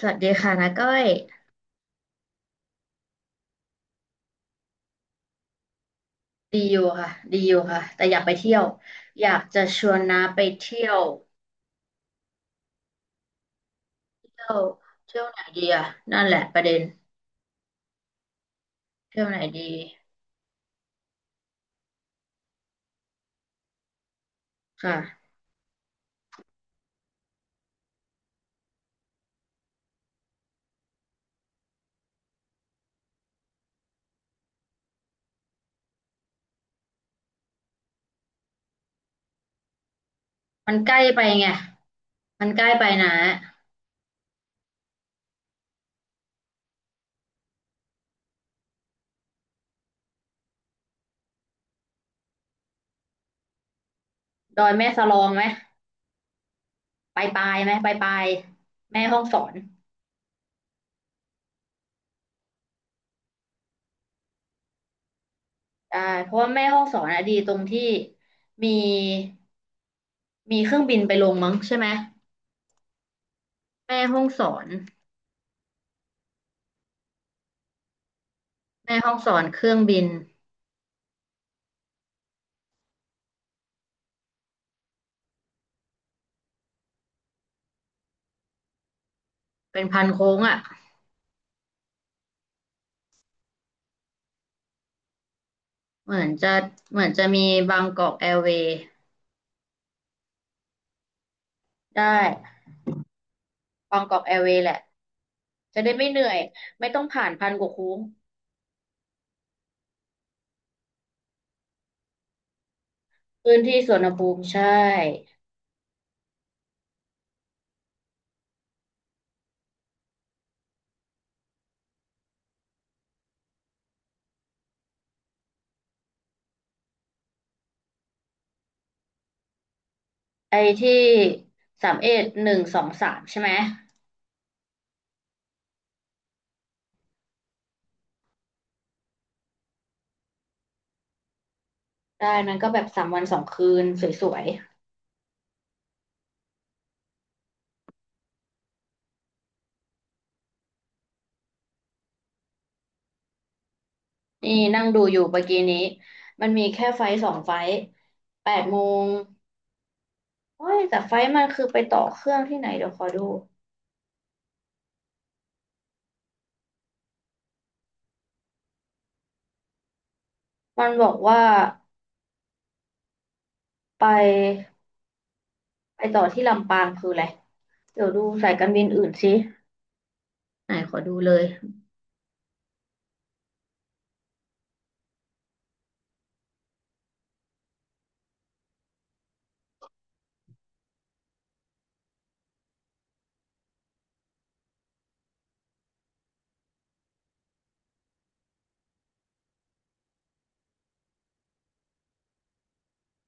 สวัสดีค่ะนะก้อยดีอยู่ค่ะดีอยู่ค่ะแต่อยากไปเที่ยวอยากจะชวนน้าไปเที่ยวเที่ยวเที่ยวไหนดีอ่ะนั่นแหละประเด็นเที่ยวไหนดีค่ะมันใกล้ไปไงมันใกล้ไปนะดอยแม่สลองไหมไปปลายไหมไปปลายแม่ห้องสอนได้เพราะว่าแม่ห้องสอนอะดีตรงที่มีมีเครื่องบินไปลงมั้งใช่ไหมแม่ห้องสอนแม่ห้องสอนเครื่องบินเป็นพันโค้งอ่ะ เหมือนจะเหมือนจะมีบางกอกแอร์เวย์ได้บางกอกแอร์เวย์แหละจะได้ไม่เหนื่อยไม่ต้องผ่านพันกว่าคุ้มพื้นที่สุวรรณภูมิใช่ไอ้ที่สามเอ็ดหนึ่งสองสามใช่ไหมได้นั้นก็แบบสามวันสองคืนสวยๆนี่นั่งดูอยู่เมื่อกี้นี้มันมีแค่ไฟล์สองไฟล์แปดโมงโอ้ยแต่ไฟล์มันคือไปต่อเครื่องที่ไหนเดี๋ยวขอดูมันบอกว่าไป ไปต่อที่ลำปางคืออะไร เดี๋ยวดูสายการบินอื่นสิไหนขอดูเลย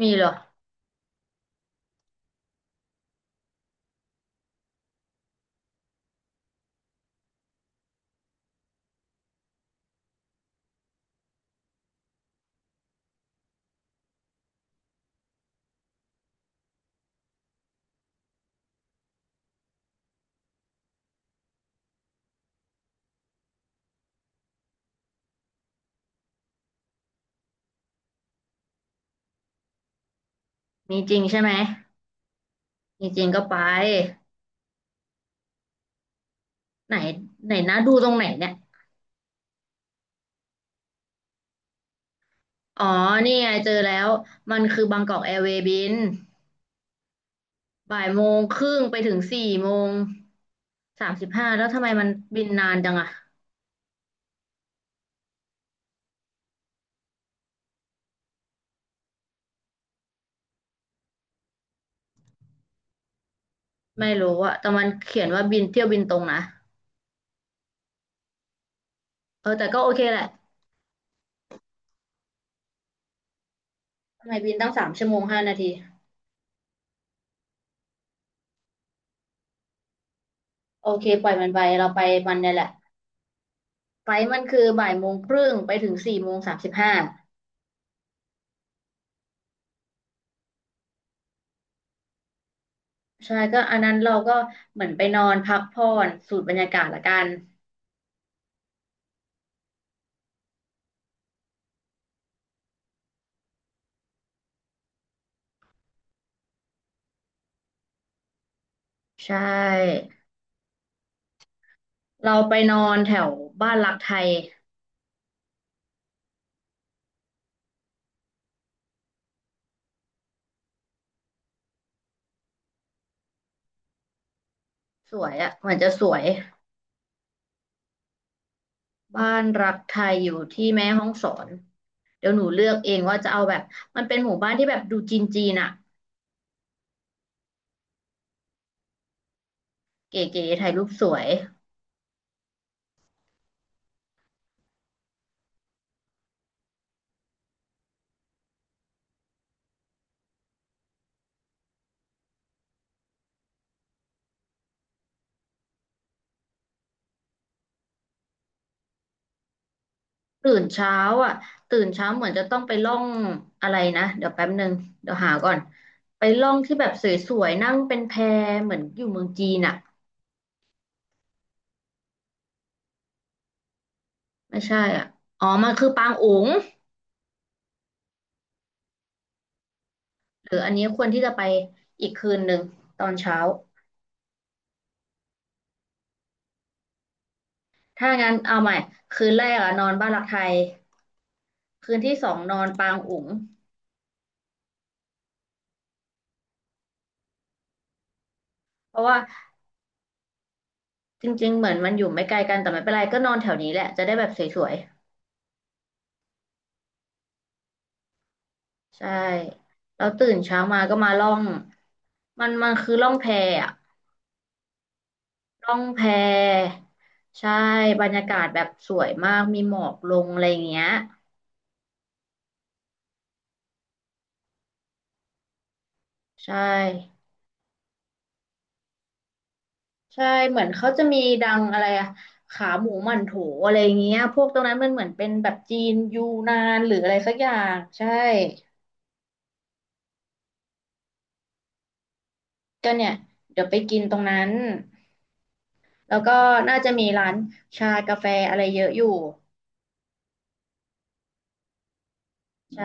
มีเหรอ มีจริงใช่ไหม มีจริงก็ไป ไหนไหนนะดูตรงไหนเนี่ย อ๋อ นี่ไงเจอแล้ว มันคือบางกอกแอร์เวย์บินบ่ายโมงครึ่งไปถึงสี่โมงสามสิบห้าแล้วทำไมมันบินนานจังอะไม่รู้อะแต่มันเขียนว่าบินเที่ยวบินตรงนะ เออแต่ก็โอเคแหละ ทำไมบินตั้งสามชั่วโมงห้านาทีโอเคปล่อยมันไปเราไปมันเนี่ยแหละ ไปมันคือบ่ายโมงครึ่งไปถึงสี่โมงสามสิบห้าใช่ก็อันนั้นเราก็เหมือนไปนอนพักผ่อนสูดบรรยากาศละกันใช่เราไปนอนแถวบ้านรักไทยสวยอะเหมือนจะสวยบ้านรักไทยอยู่ที่แม่ฮ่องสอนเดี๋ยวหนูเลือกเองว่าจะเอาแบบมันเป็นหมู่บ้านที่แบบดูจีนๆอะเก๋ๆถ่ายรูปสวย ตื่นเช้าอ่ะตื่นเช้าเหมือนจะต้องไปล่องอะไรนะเดี๋ยวแป๊บหนึ่งเดี๋ยวหาก่อนไปล่องที่แบบสวยๆนั่งเป็นแพเหมือนอยู่เมืองจีนอ่ะไม่ใช่อ่ะอ๋อมันคือปางอุ๋งนี่ควรที่จะไปอีกคืนหนึ่งตอนเช้าถ้างั้นเอาใหม่คืนแรกอ่ะนอนบ้านรักไทยคืนที่สองนอนปางอุ๋งเพราะว่าจริงๆเหมือนมันอยู่ไม่ไกลกันแต่ไม่เป็นไรก็นอนแถวนี้แหละจะได้แบบสวยๆใช่แล้วตื่นเช้ามาก็มาล่องมันคือล่องแพอ่ะ ล่องแพใช่ บรรยากาศแบบสวยมากมีหมอกลงอะไรอย่างเงี้ยใช่ใช่เหมือนเขาจะมีดังอะไรอะขาหมูหมั่นโถอะไรอย่างเงี้ยพวกตรงนั้นมันเหมือนเป็นแบบจีนยูนานหรืออะไรสักอย่างใช่ก็เนี่ยเดี๋ยวไปกินตรงนั้นแล้วก็น่าจะมีร้านชากาแฟอะไรเยอะอยู่ใช่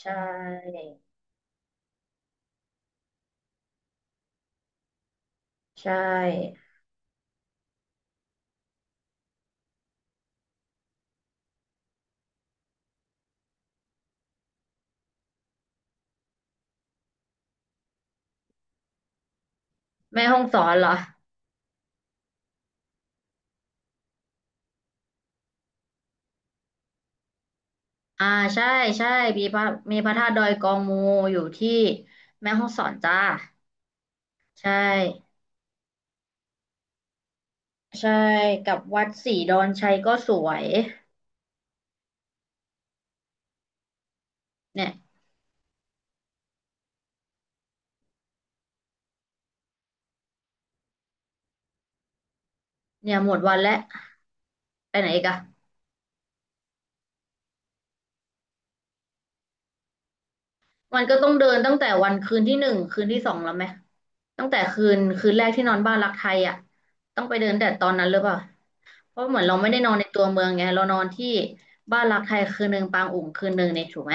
ใช่ใช่ แม่ฮ่องสอนเหรอ อ่าใช่ใช่มีพระมีพระธาตุดอยกองมูอยู่ที่แม่ฮ่องสอนจ้าใช่ใช่กับวัดศรีดอนชัยก็สวยเนี่ยหมดวันแล้วไปไหนอีกอะมันก็ต้องเดินตั้งแต่วันคืนที่หนึ่งคืนที่สองแล้วไหมตั้งแต่คืนแรกที่นอนบ้านรักไทยอะต้องไปเดินแต่ตอนนั้นหรือเปล่าเพราะเหมือนเราไม่ได้นอนในตัวเมืองไงเรานอนที่บ้านรักไทยคืนหนึ่งปางอุ๋งคืนหนึ่งเนี่ยถูกไหม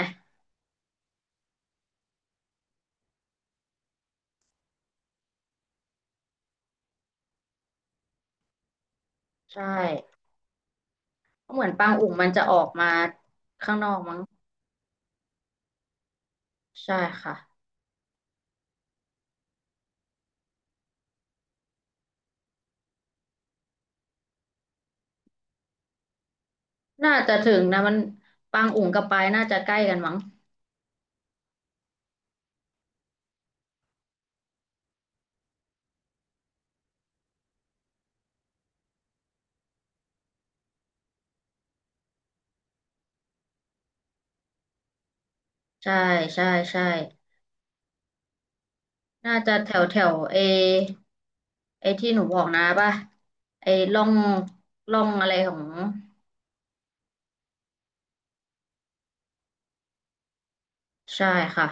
ใช่เพราะเหมือนปางอุ๋งมันจะออกมาข้างนอกมั้ง ใช่ค่ะน่าจะถึงนะมันปางอุ๋งกับปายน่าจะใกล้กันมั้งใช่ใช่ใช่น่าจะแถวแถวเอไอที่หนูบอกนะป่ะไอล่องอะไรของใช่ค่ะ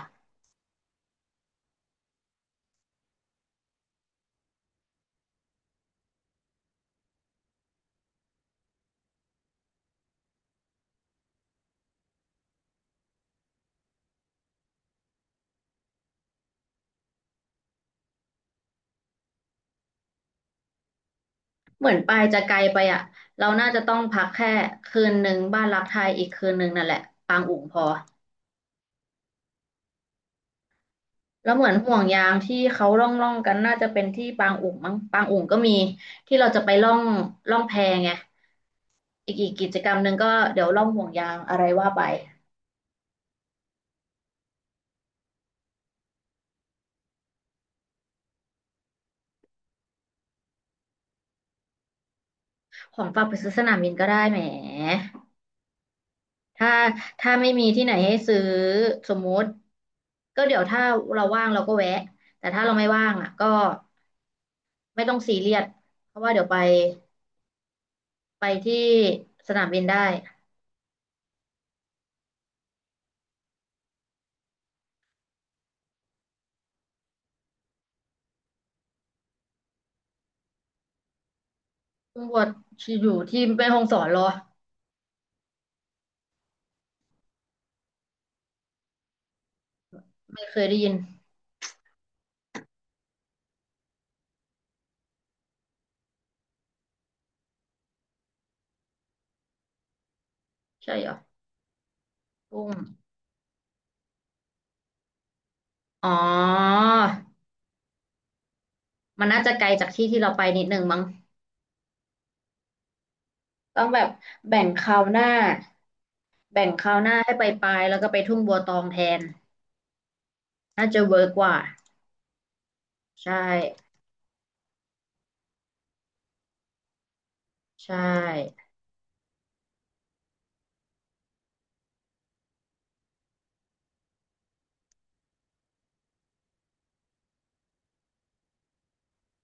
เหมือนปายจะไกลไปอ่ะเราน่าจะต้องพักแค่คืนหนึ่งบ้านรักไทยอีกคืนหนึ่งนั่นแหละปางอุ๋งพอแล้วเหมือนห่วงยางที่เขาล่องกันน่าจะเป็นที่ปางอุ๋งมั้งปางอุ๋งก็มีที่เราจะไปล่องล่องแพไง อีกกิจกรรมหนึ่งก็เดี๋ยวล่องห่วงยางอะไรว่าไปของฝากไปซื้อสนามบินก็ได้แหมถ้าไม่มีที่ไหนให้ซื้อสมมุติ ก็เดี๋ยวถ้าเราว่างเราก็แวะ แต่ถ้าเราไม่ว่างอ่ะก็ไม่ต้องซีเรียสเพราะว่าเดี๋ยวไปที่สนามบินได้กุ้งบวชอยู่ที่แม่ฮ่องสอนเหรอไม่เคยได้ยินใช่เหรอกุ้งอ๋อมันน่าจะไกลจากที่ที่เราไปนิดนึงมั้งต้องแบบแบ่งคราวหน้า แบ่งคราวหน้าให้ไปปลายแล้วก็ไปทุ่งบัวตองแทนน่าจะเวิร์กกว่าใช่ใช่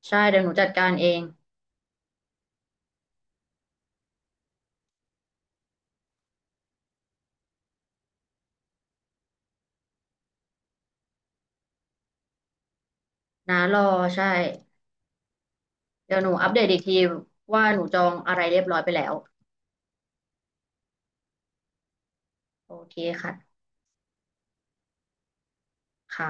ใช่เดี๋ยวหนูจัดการเองนะรอใช่เดี๋ยวหนูอัปเดตอีกทีว่าหนูจองอะไรเรียบร้อยไปแล้วโอเคค่ะค่ะ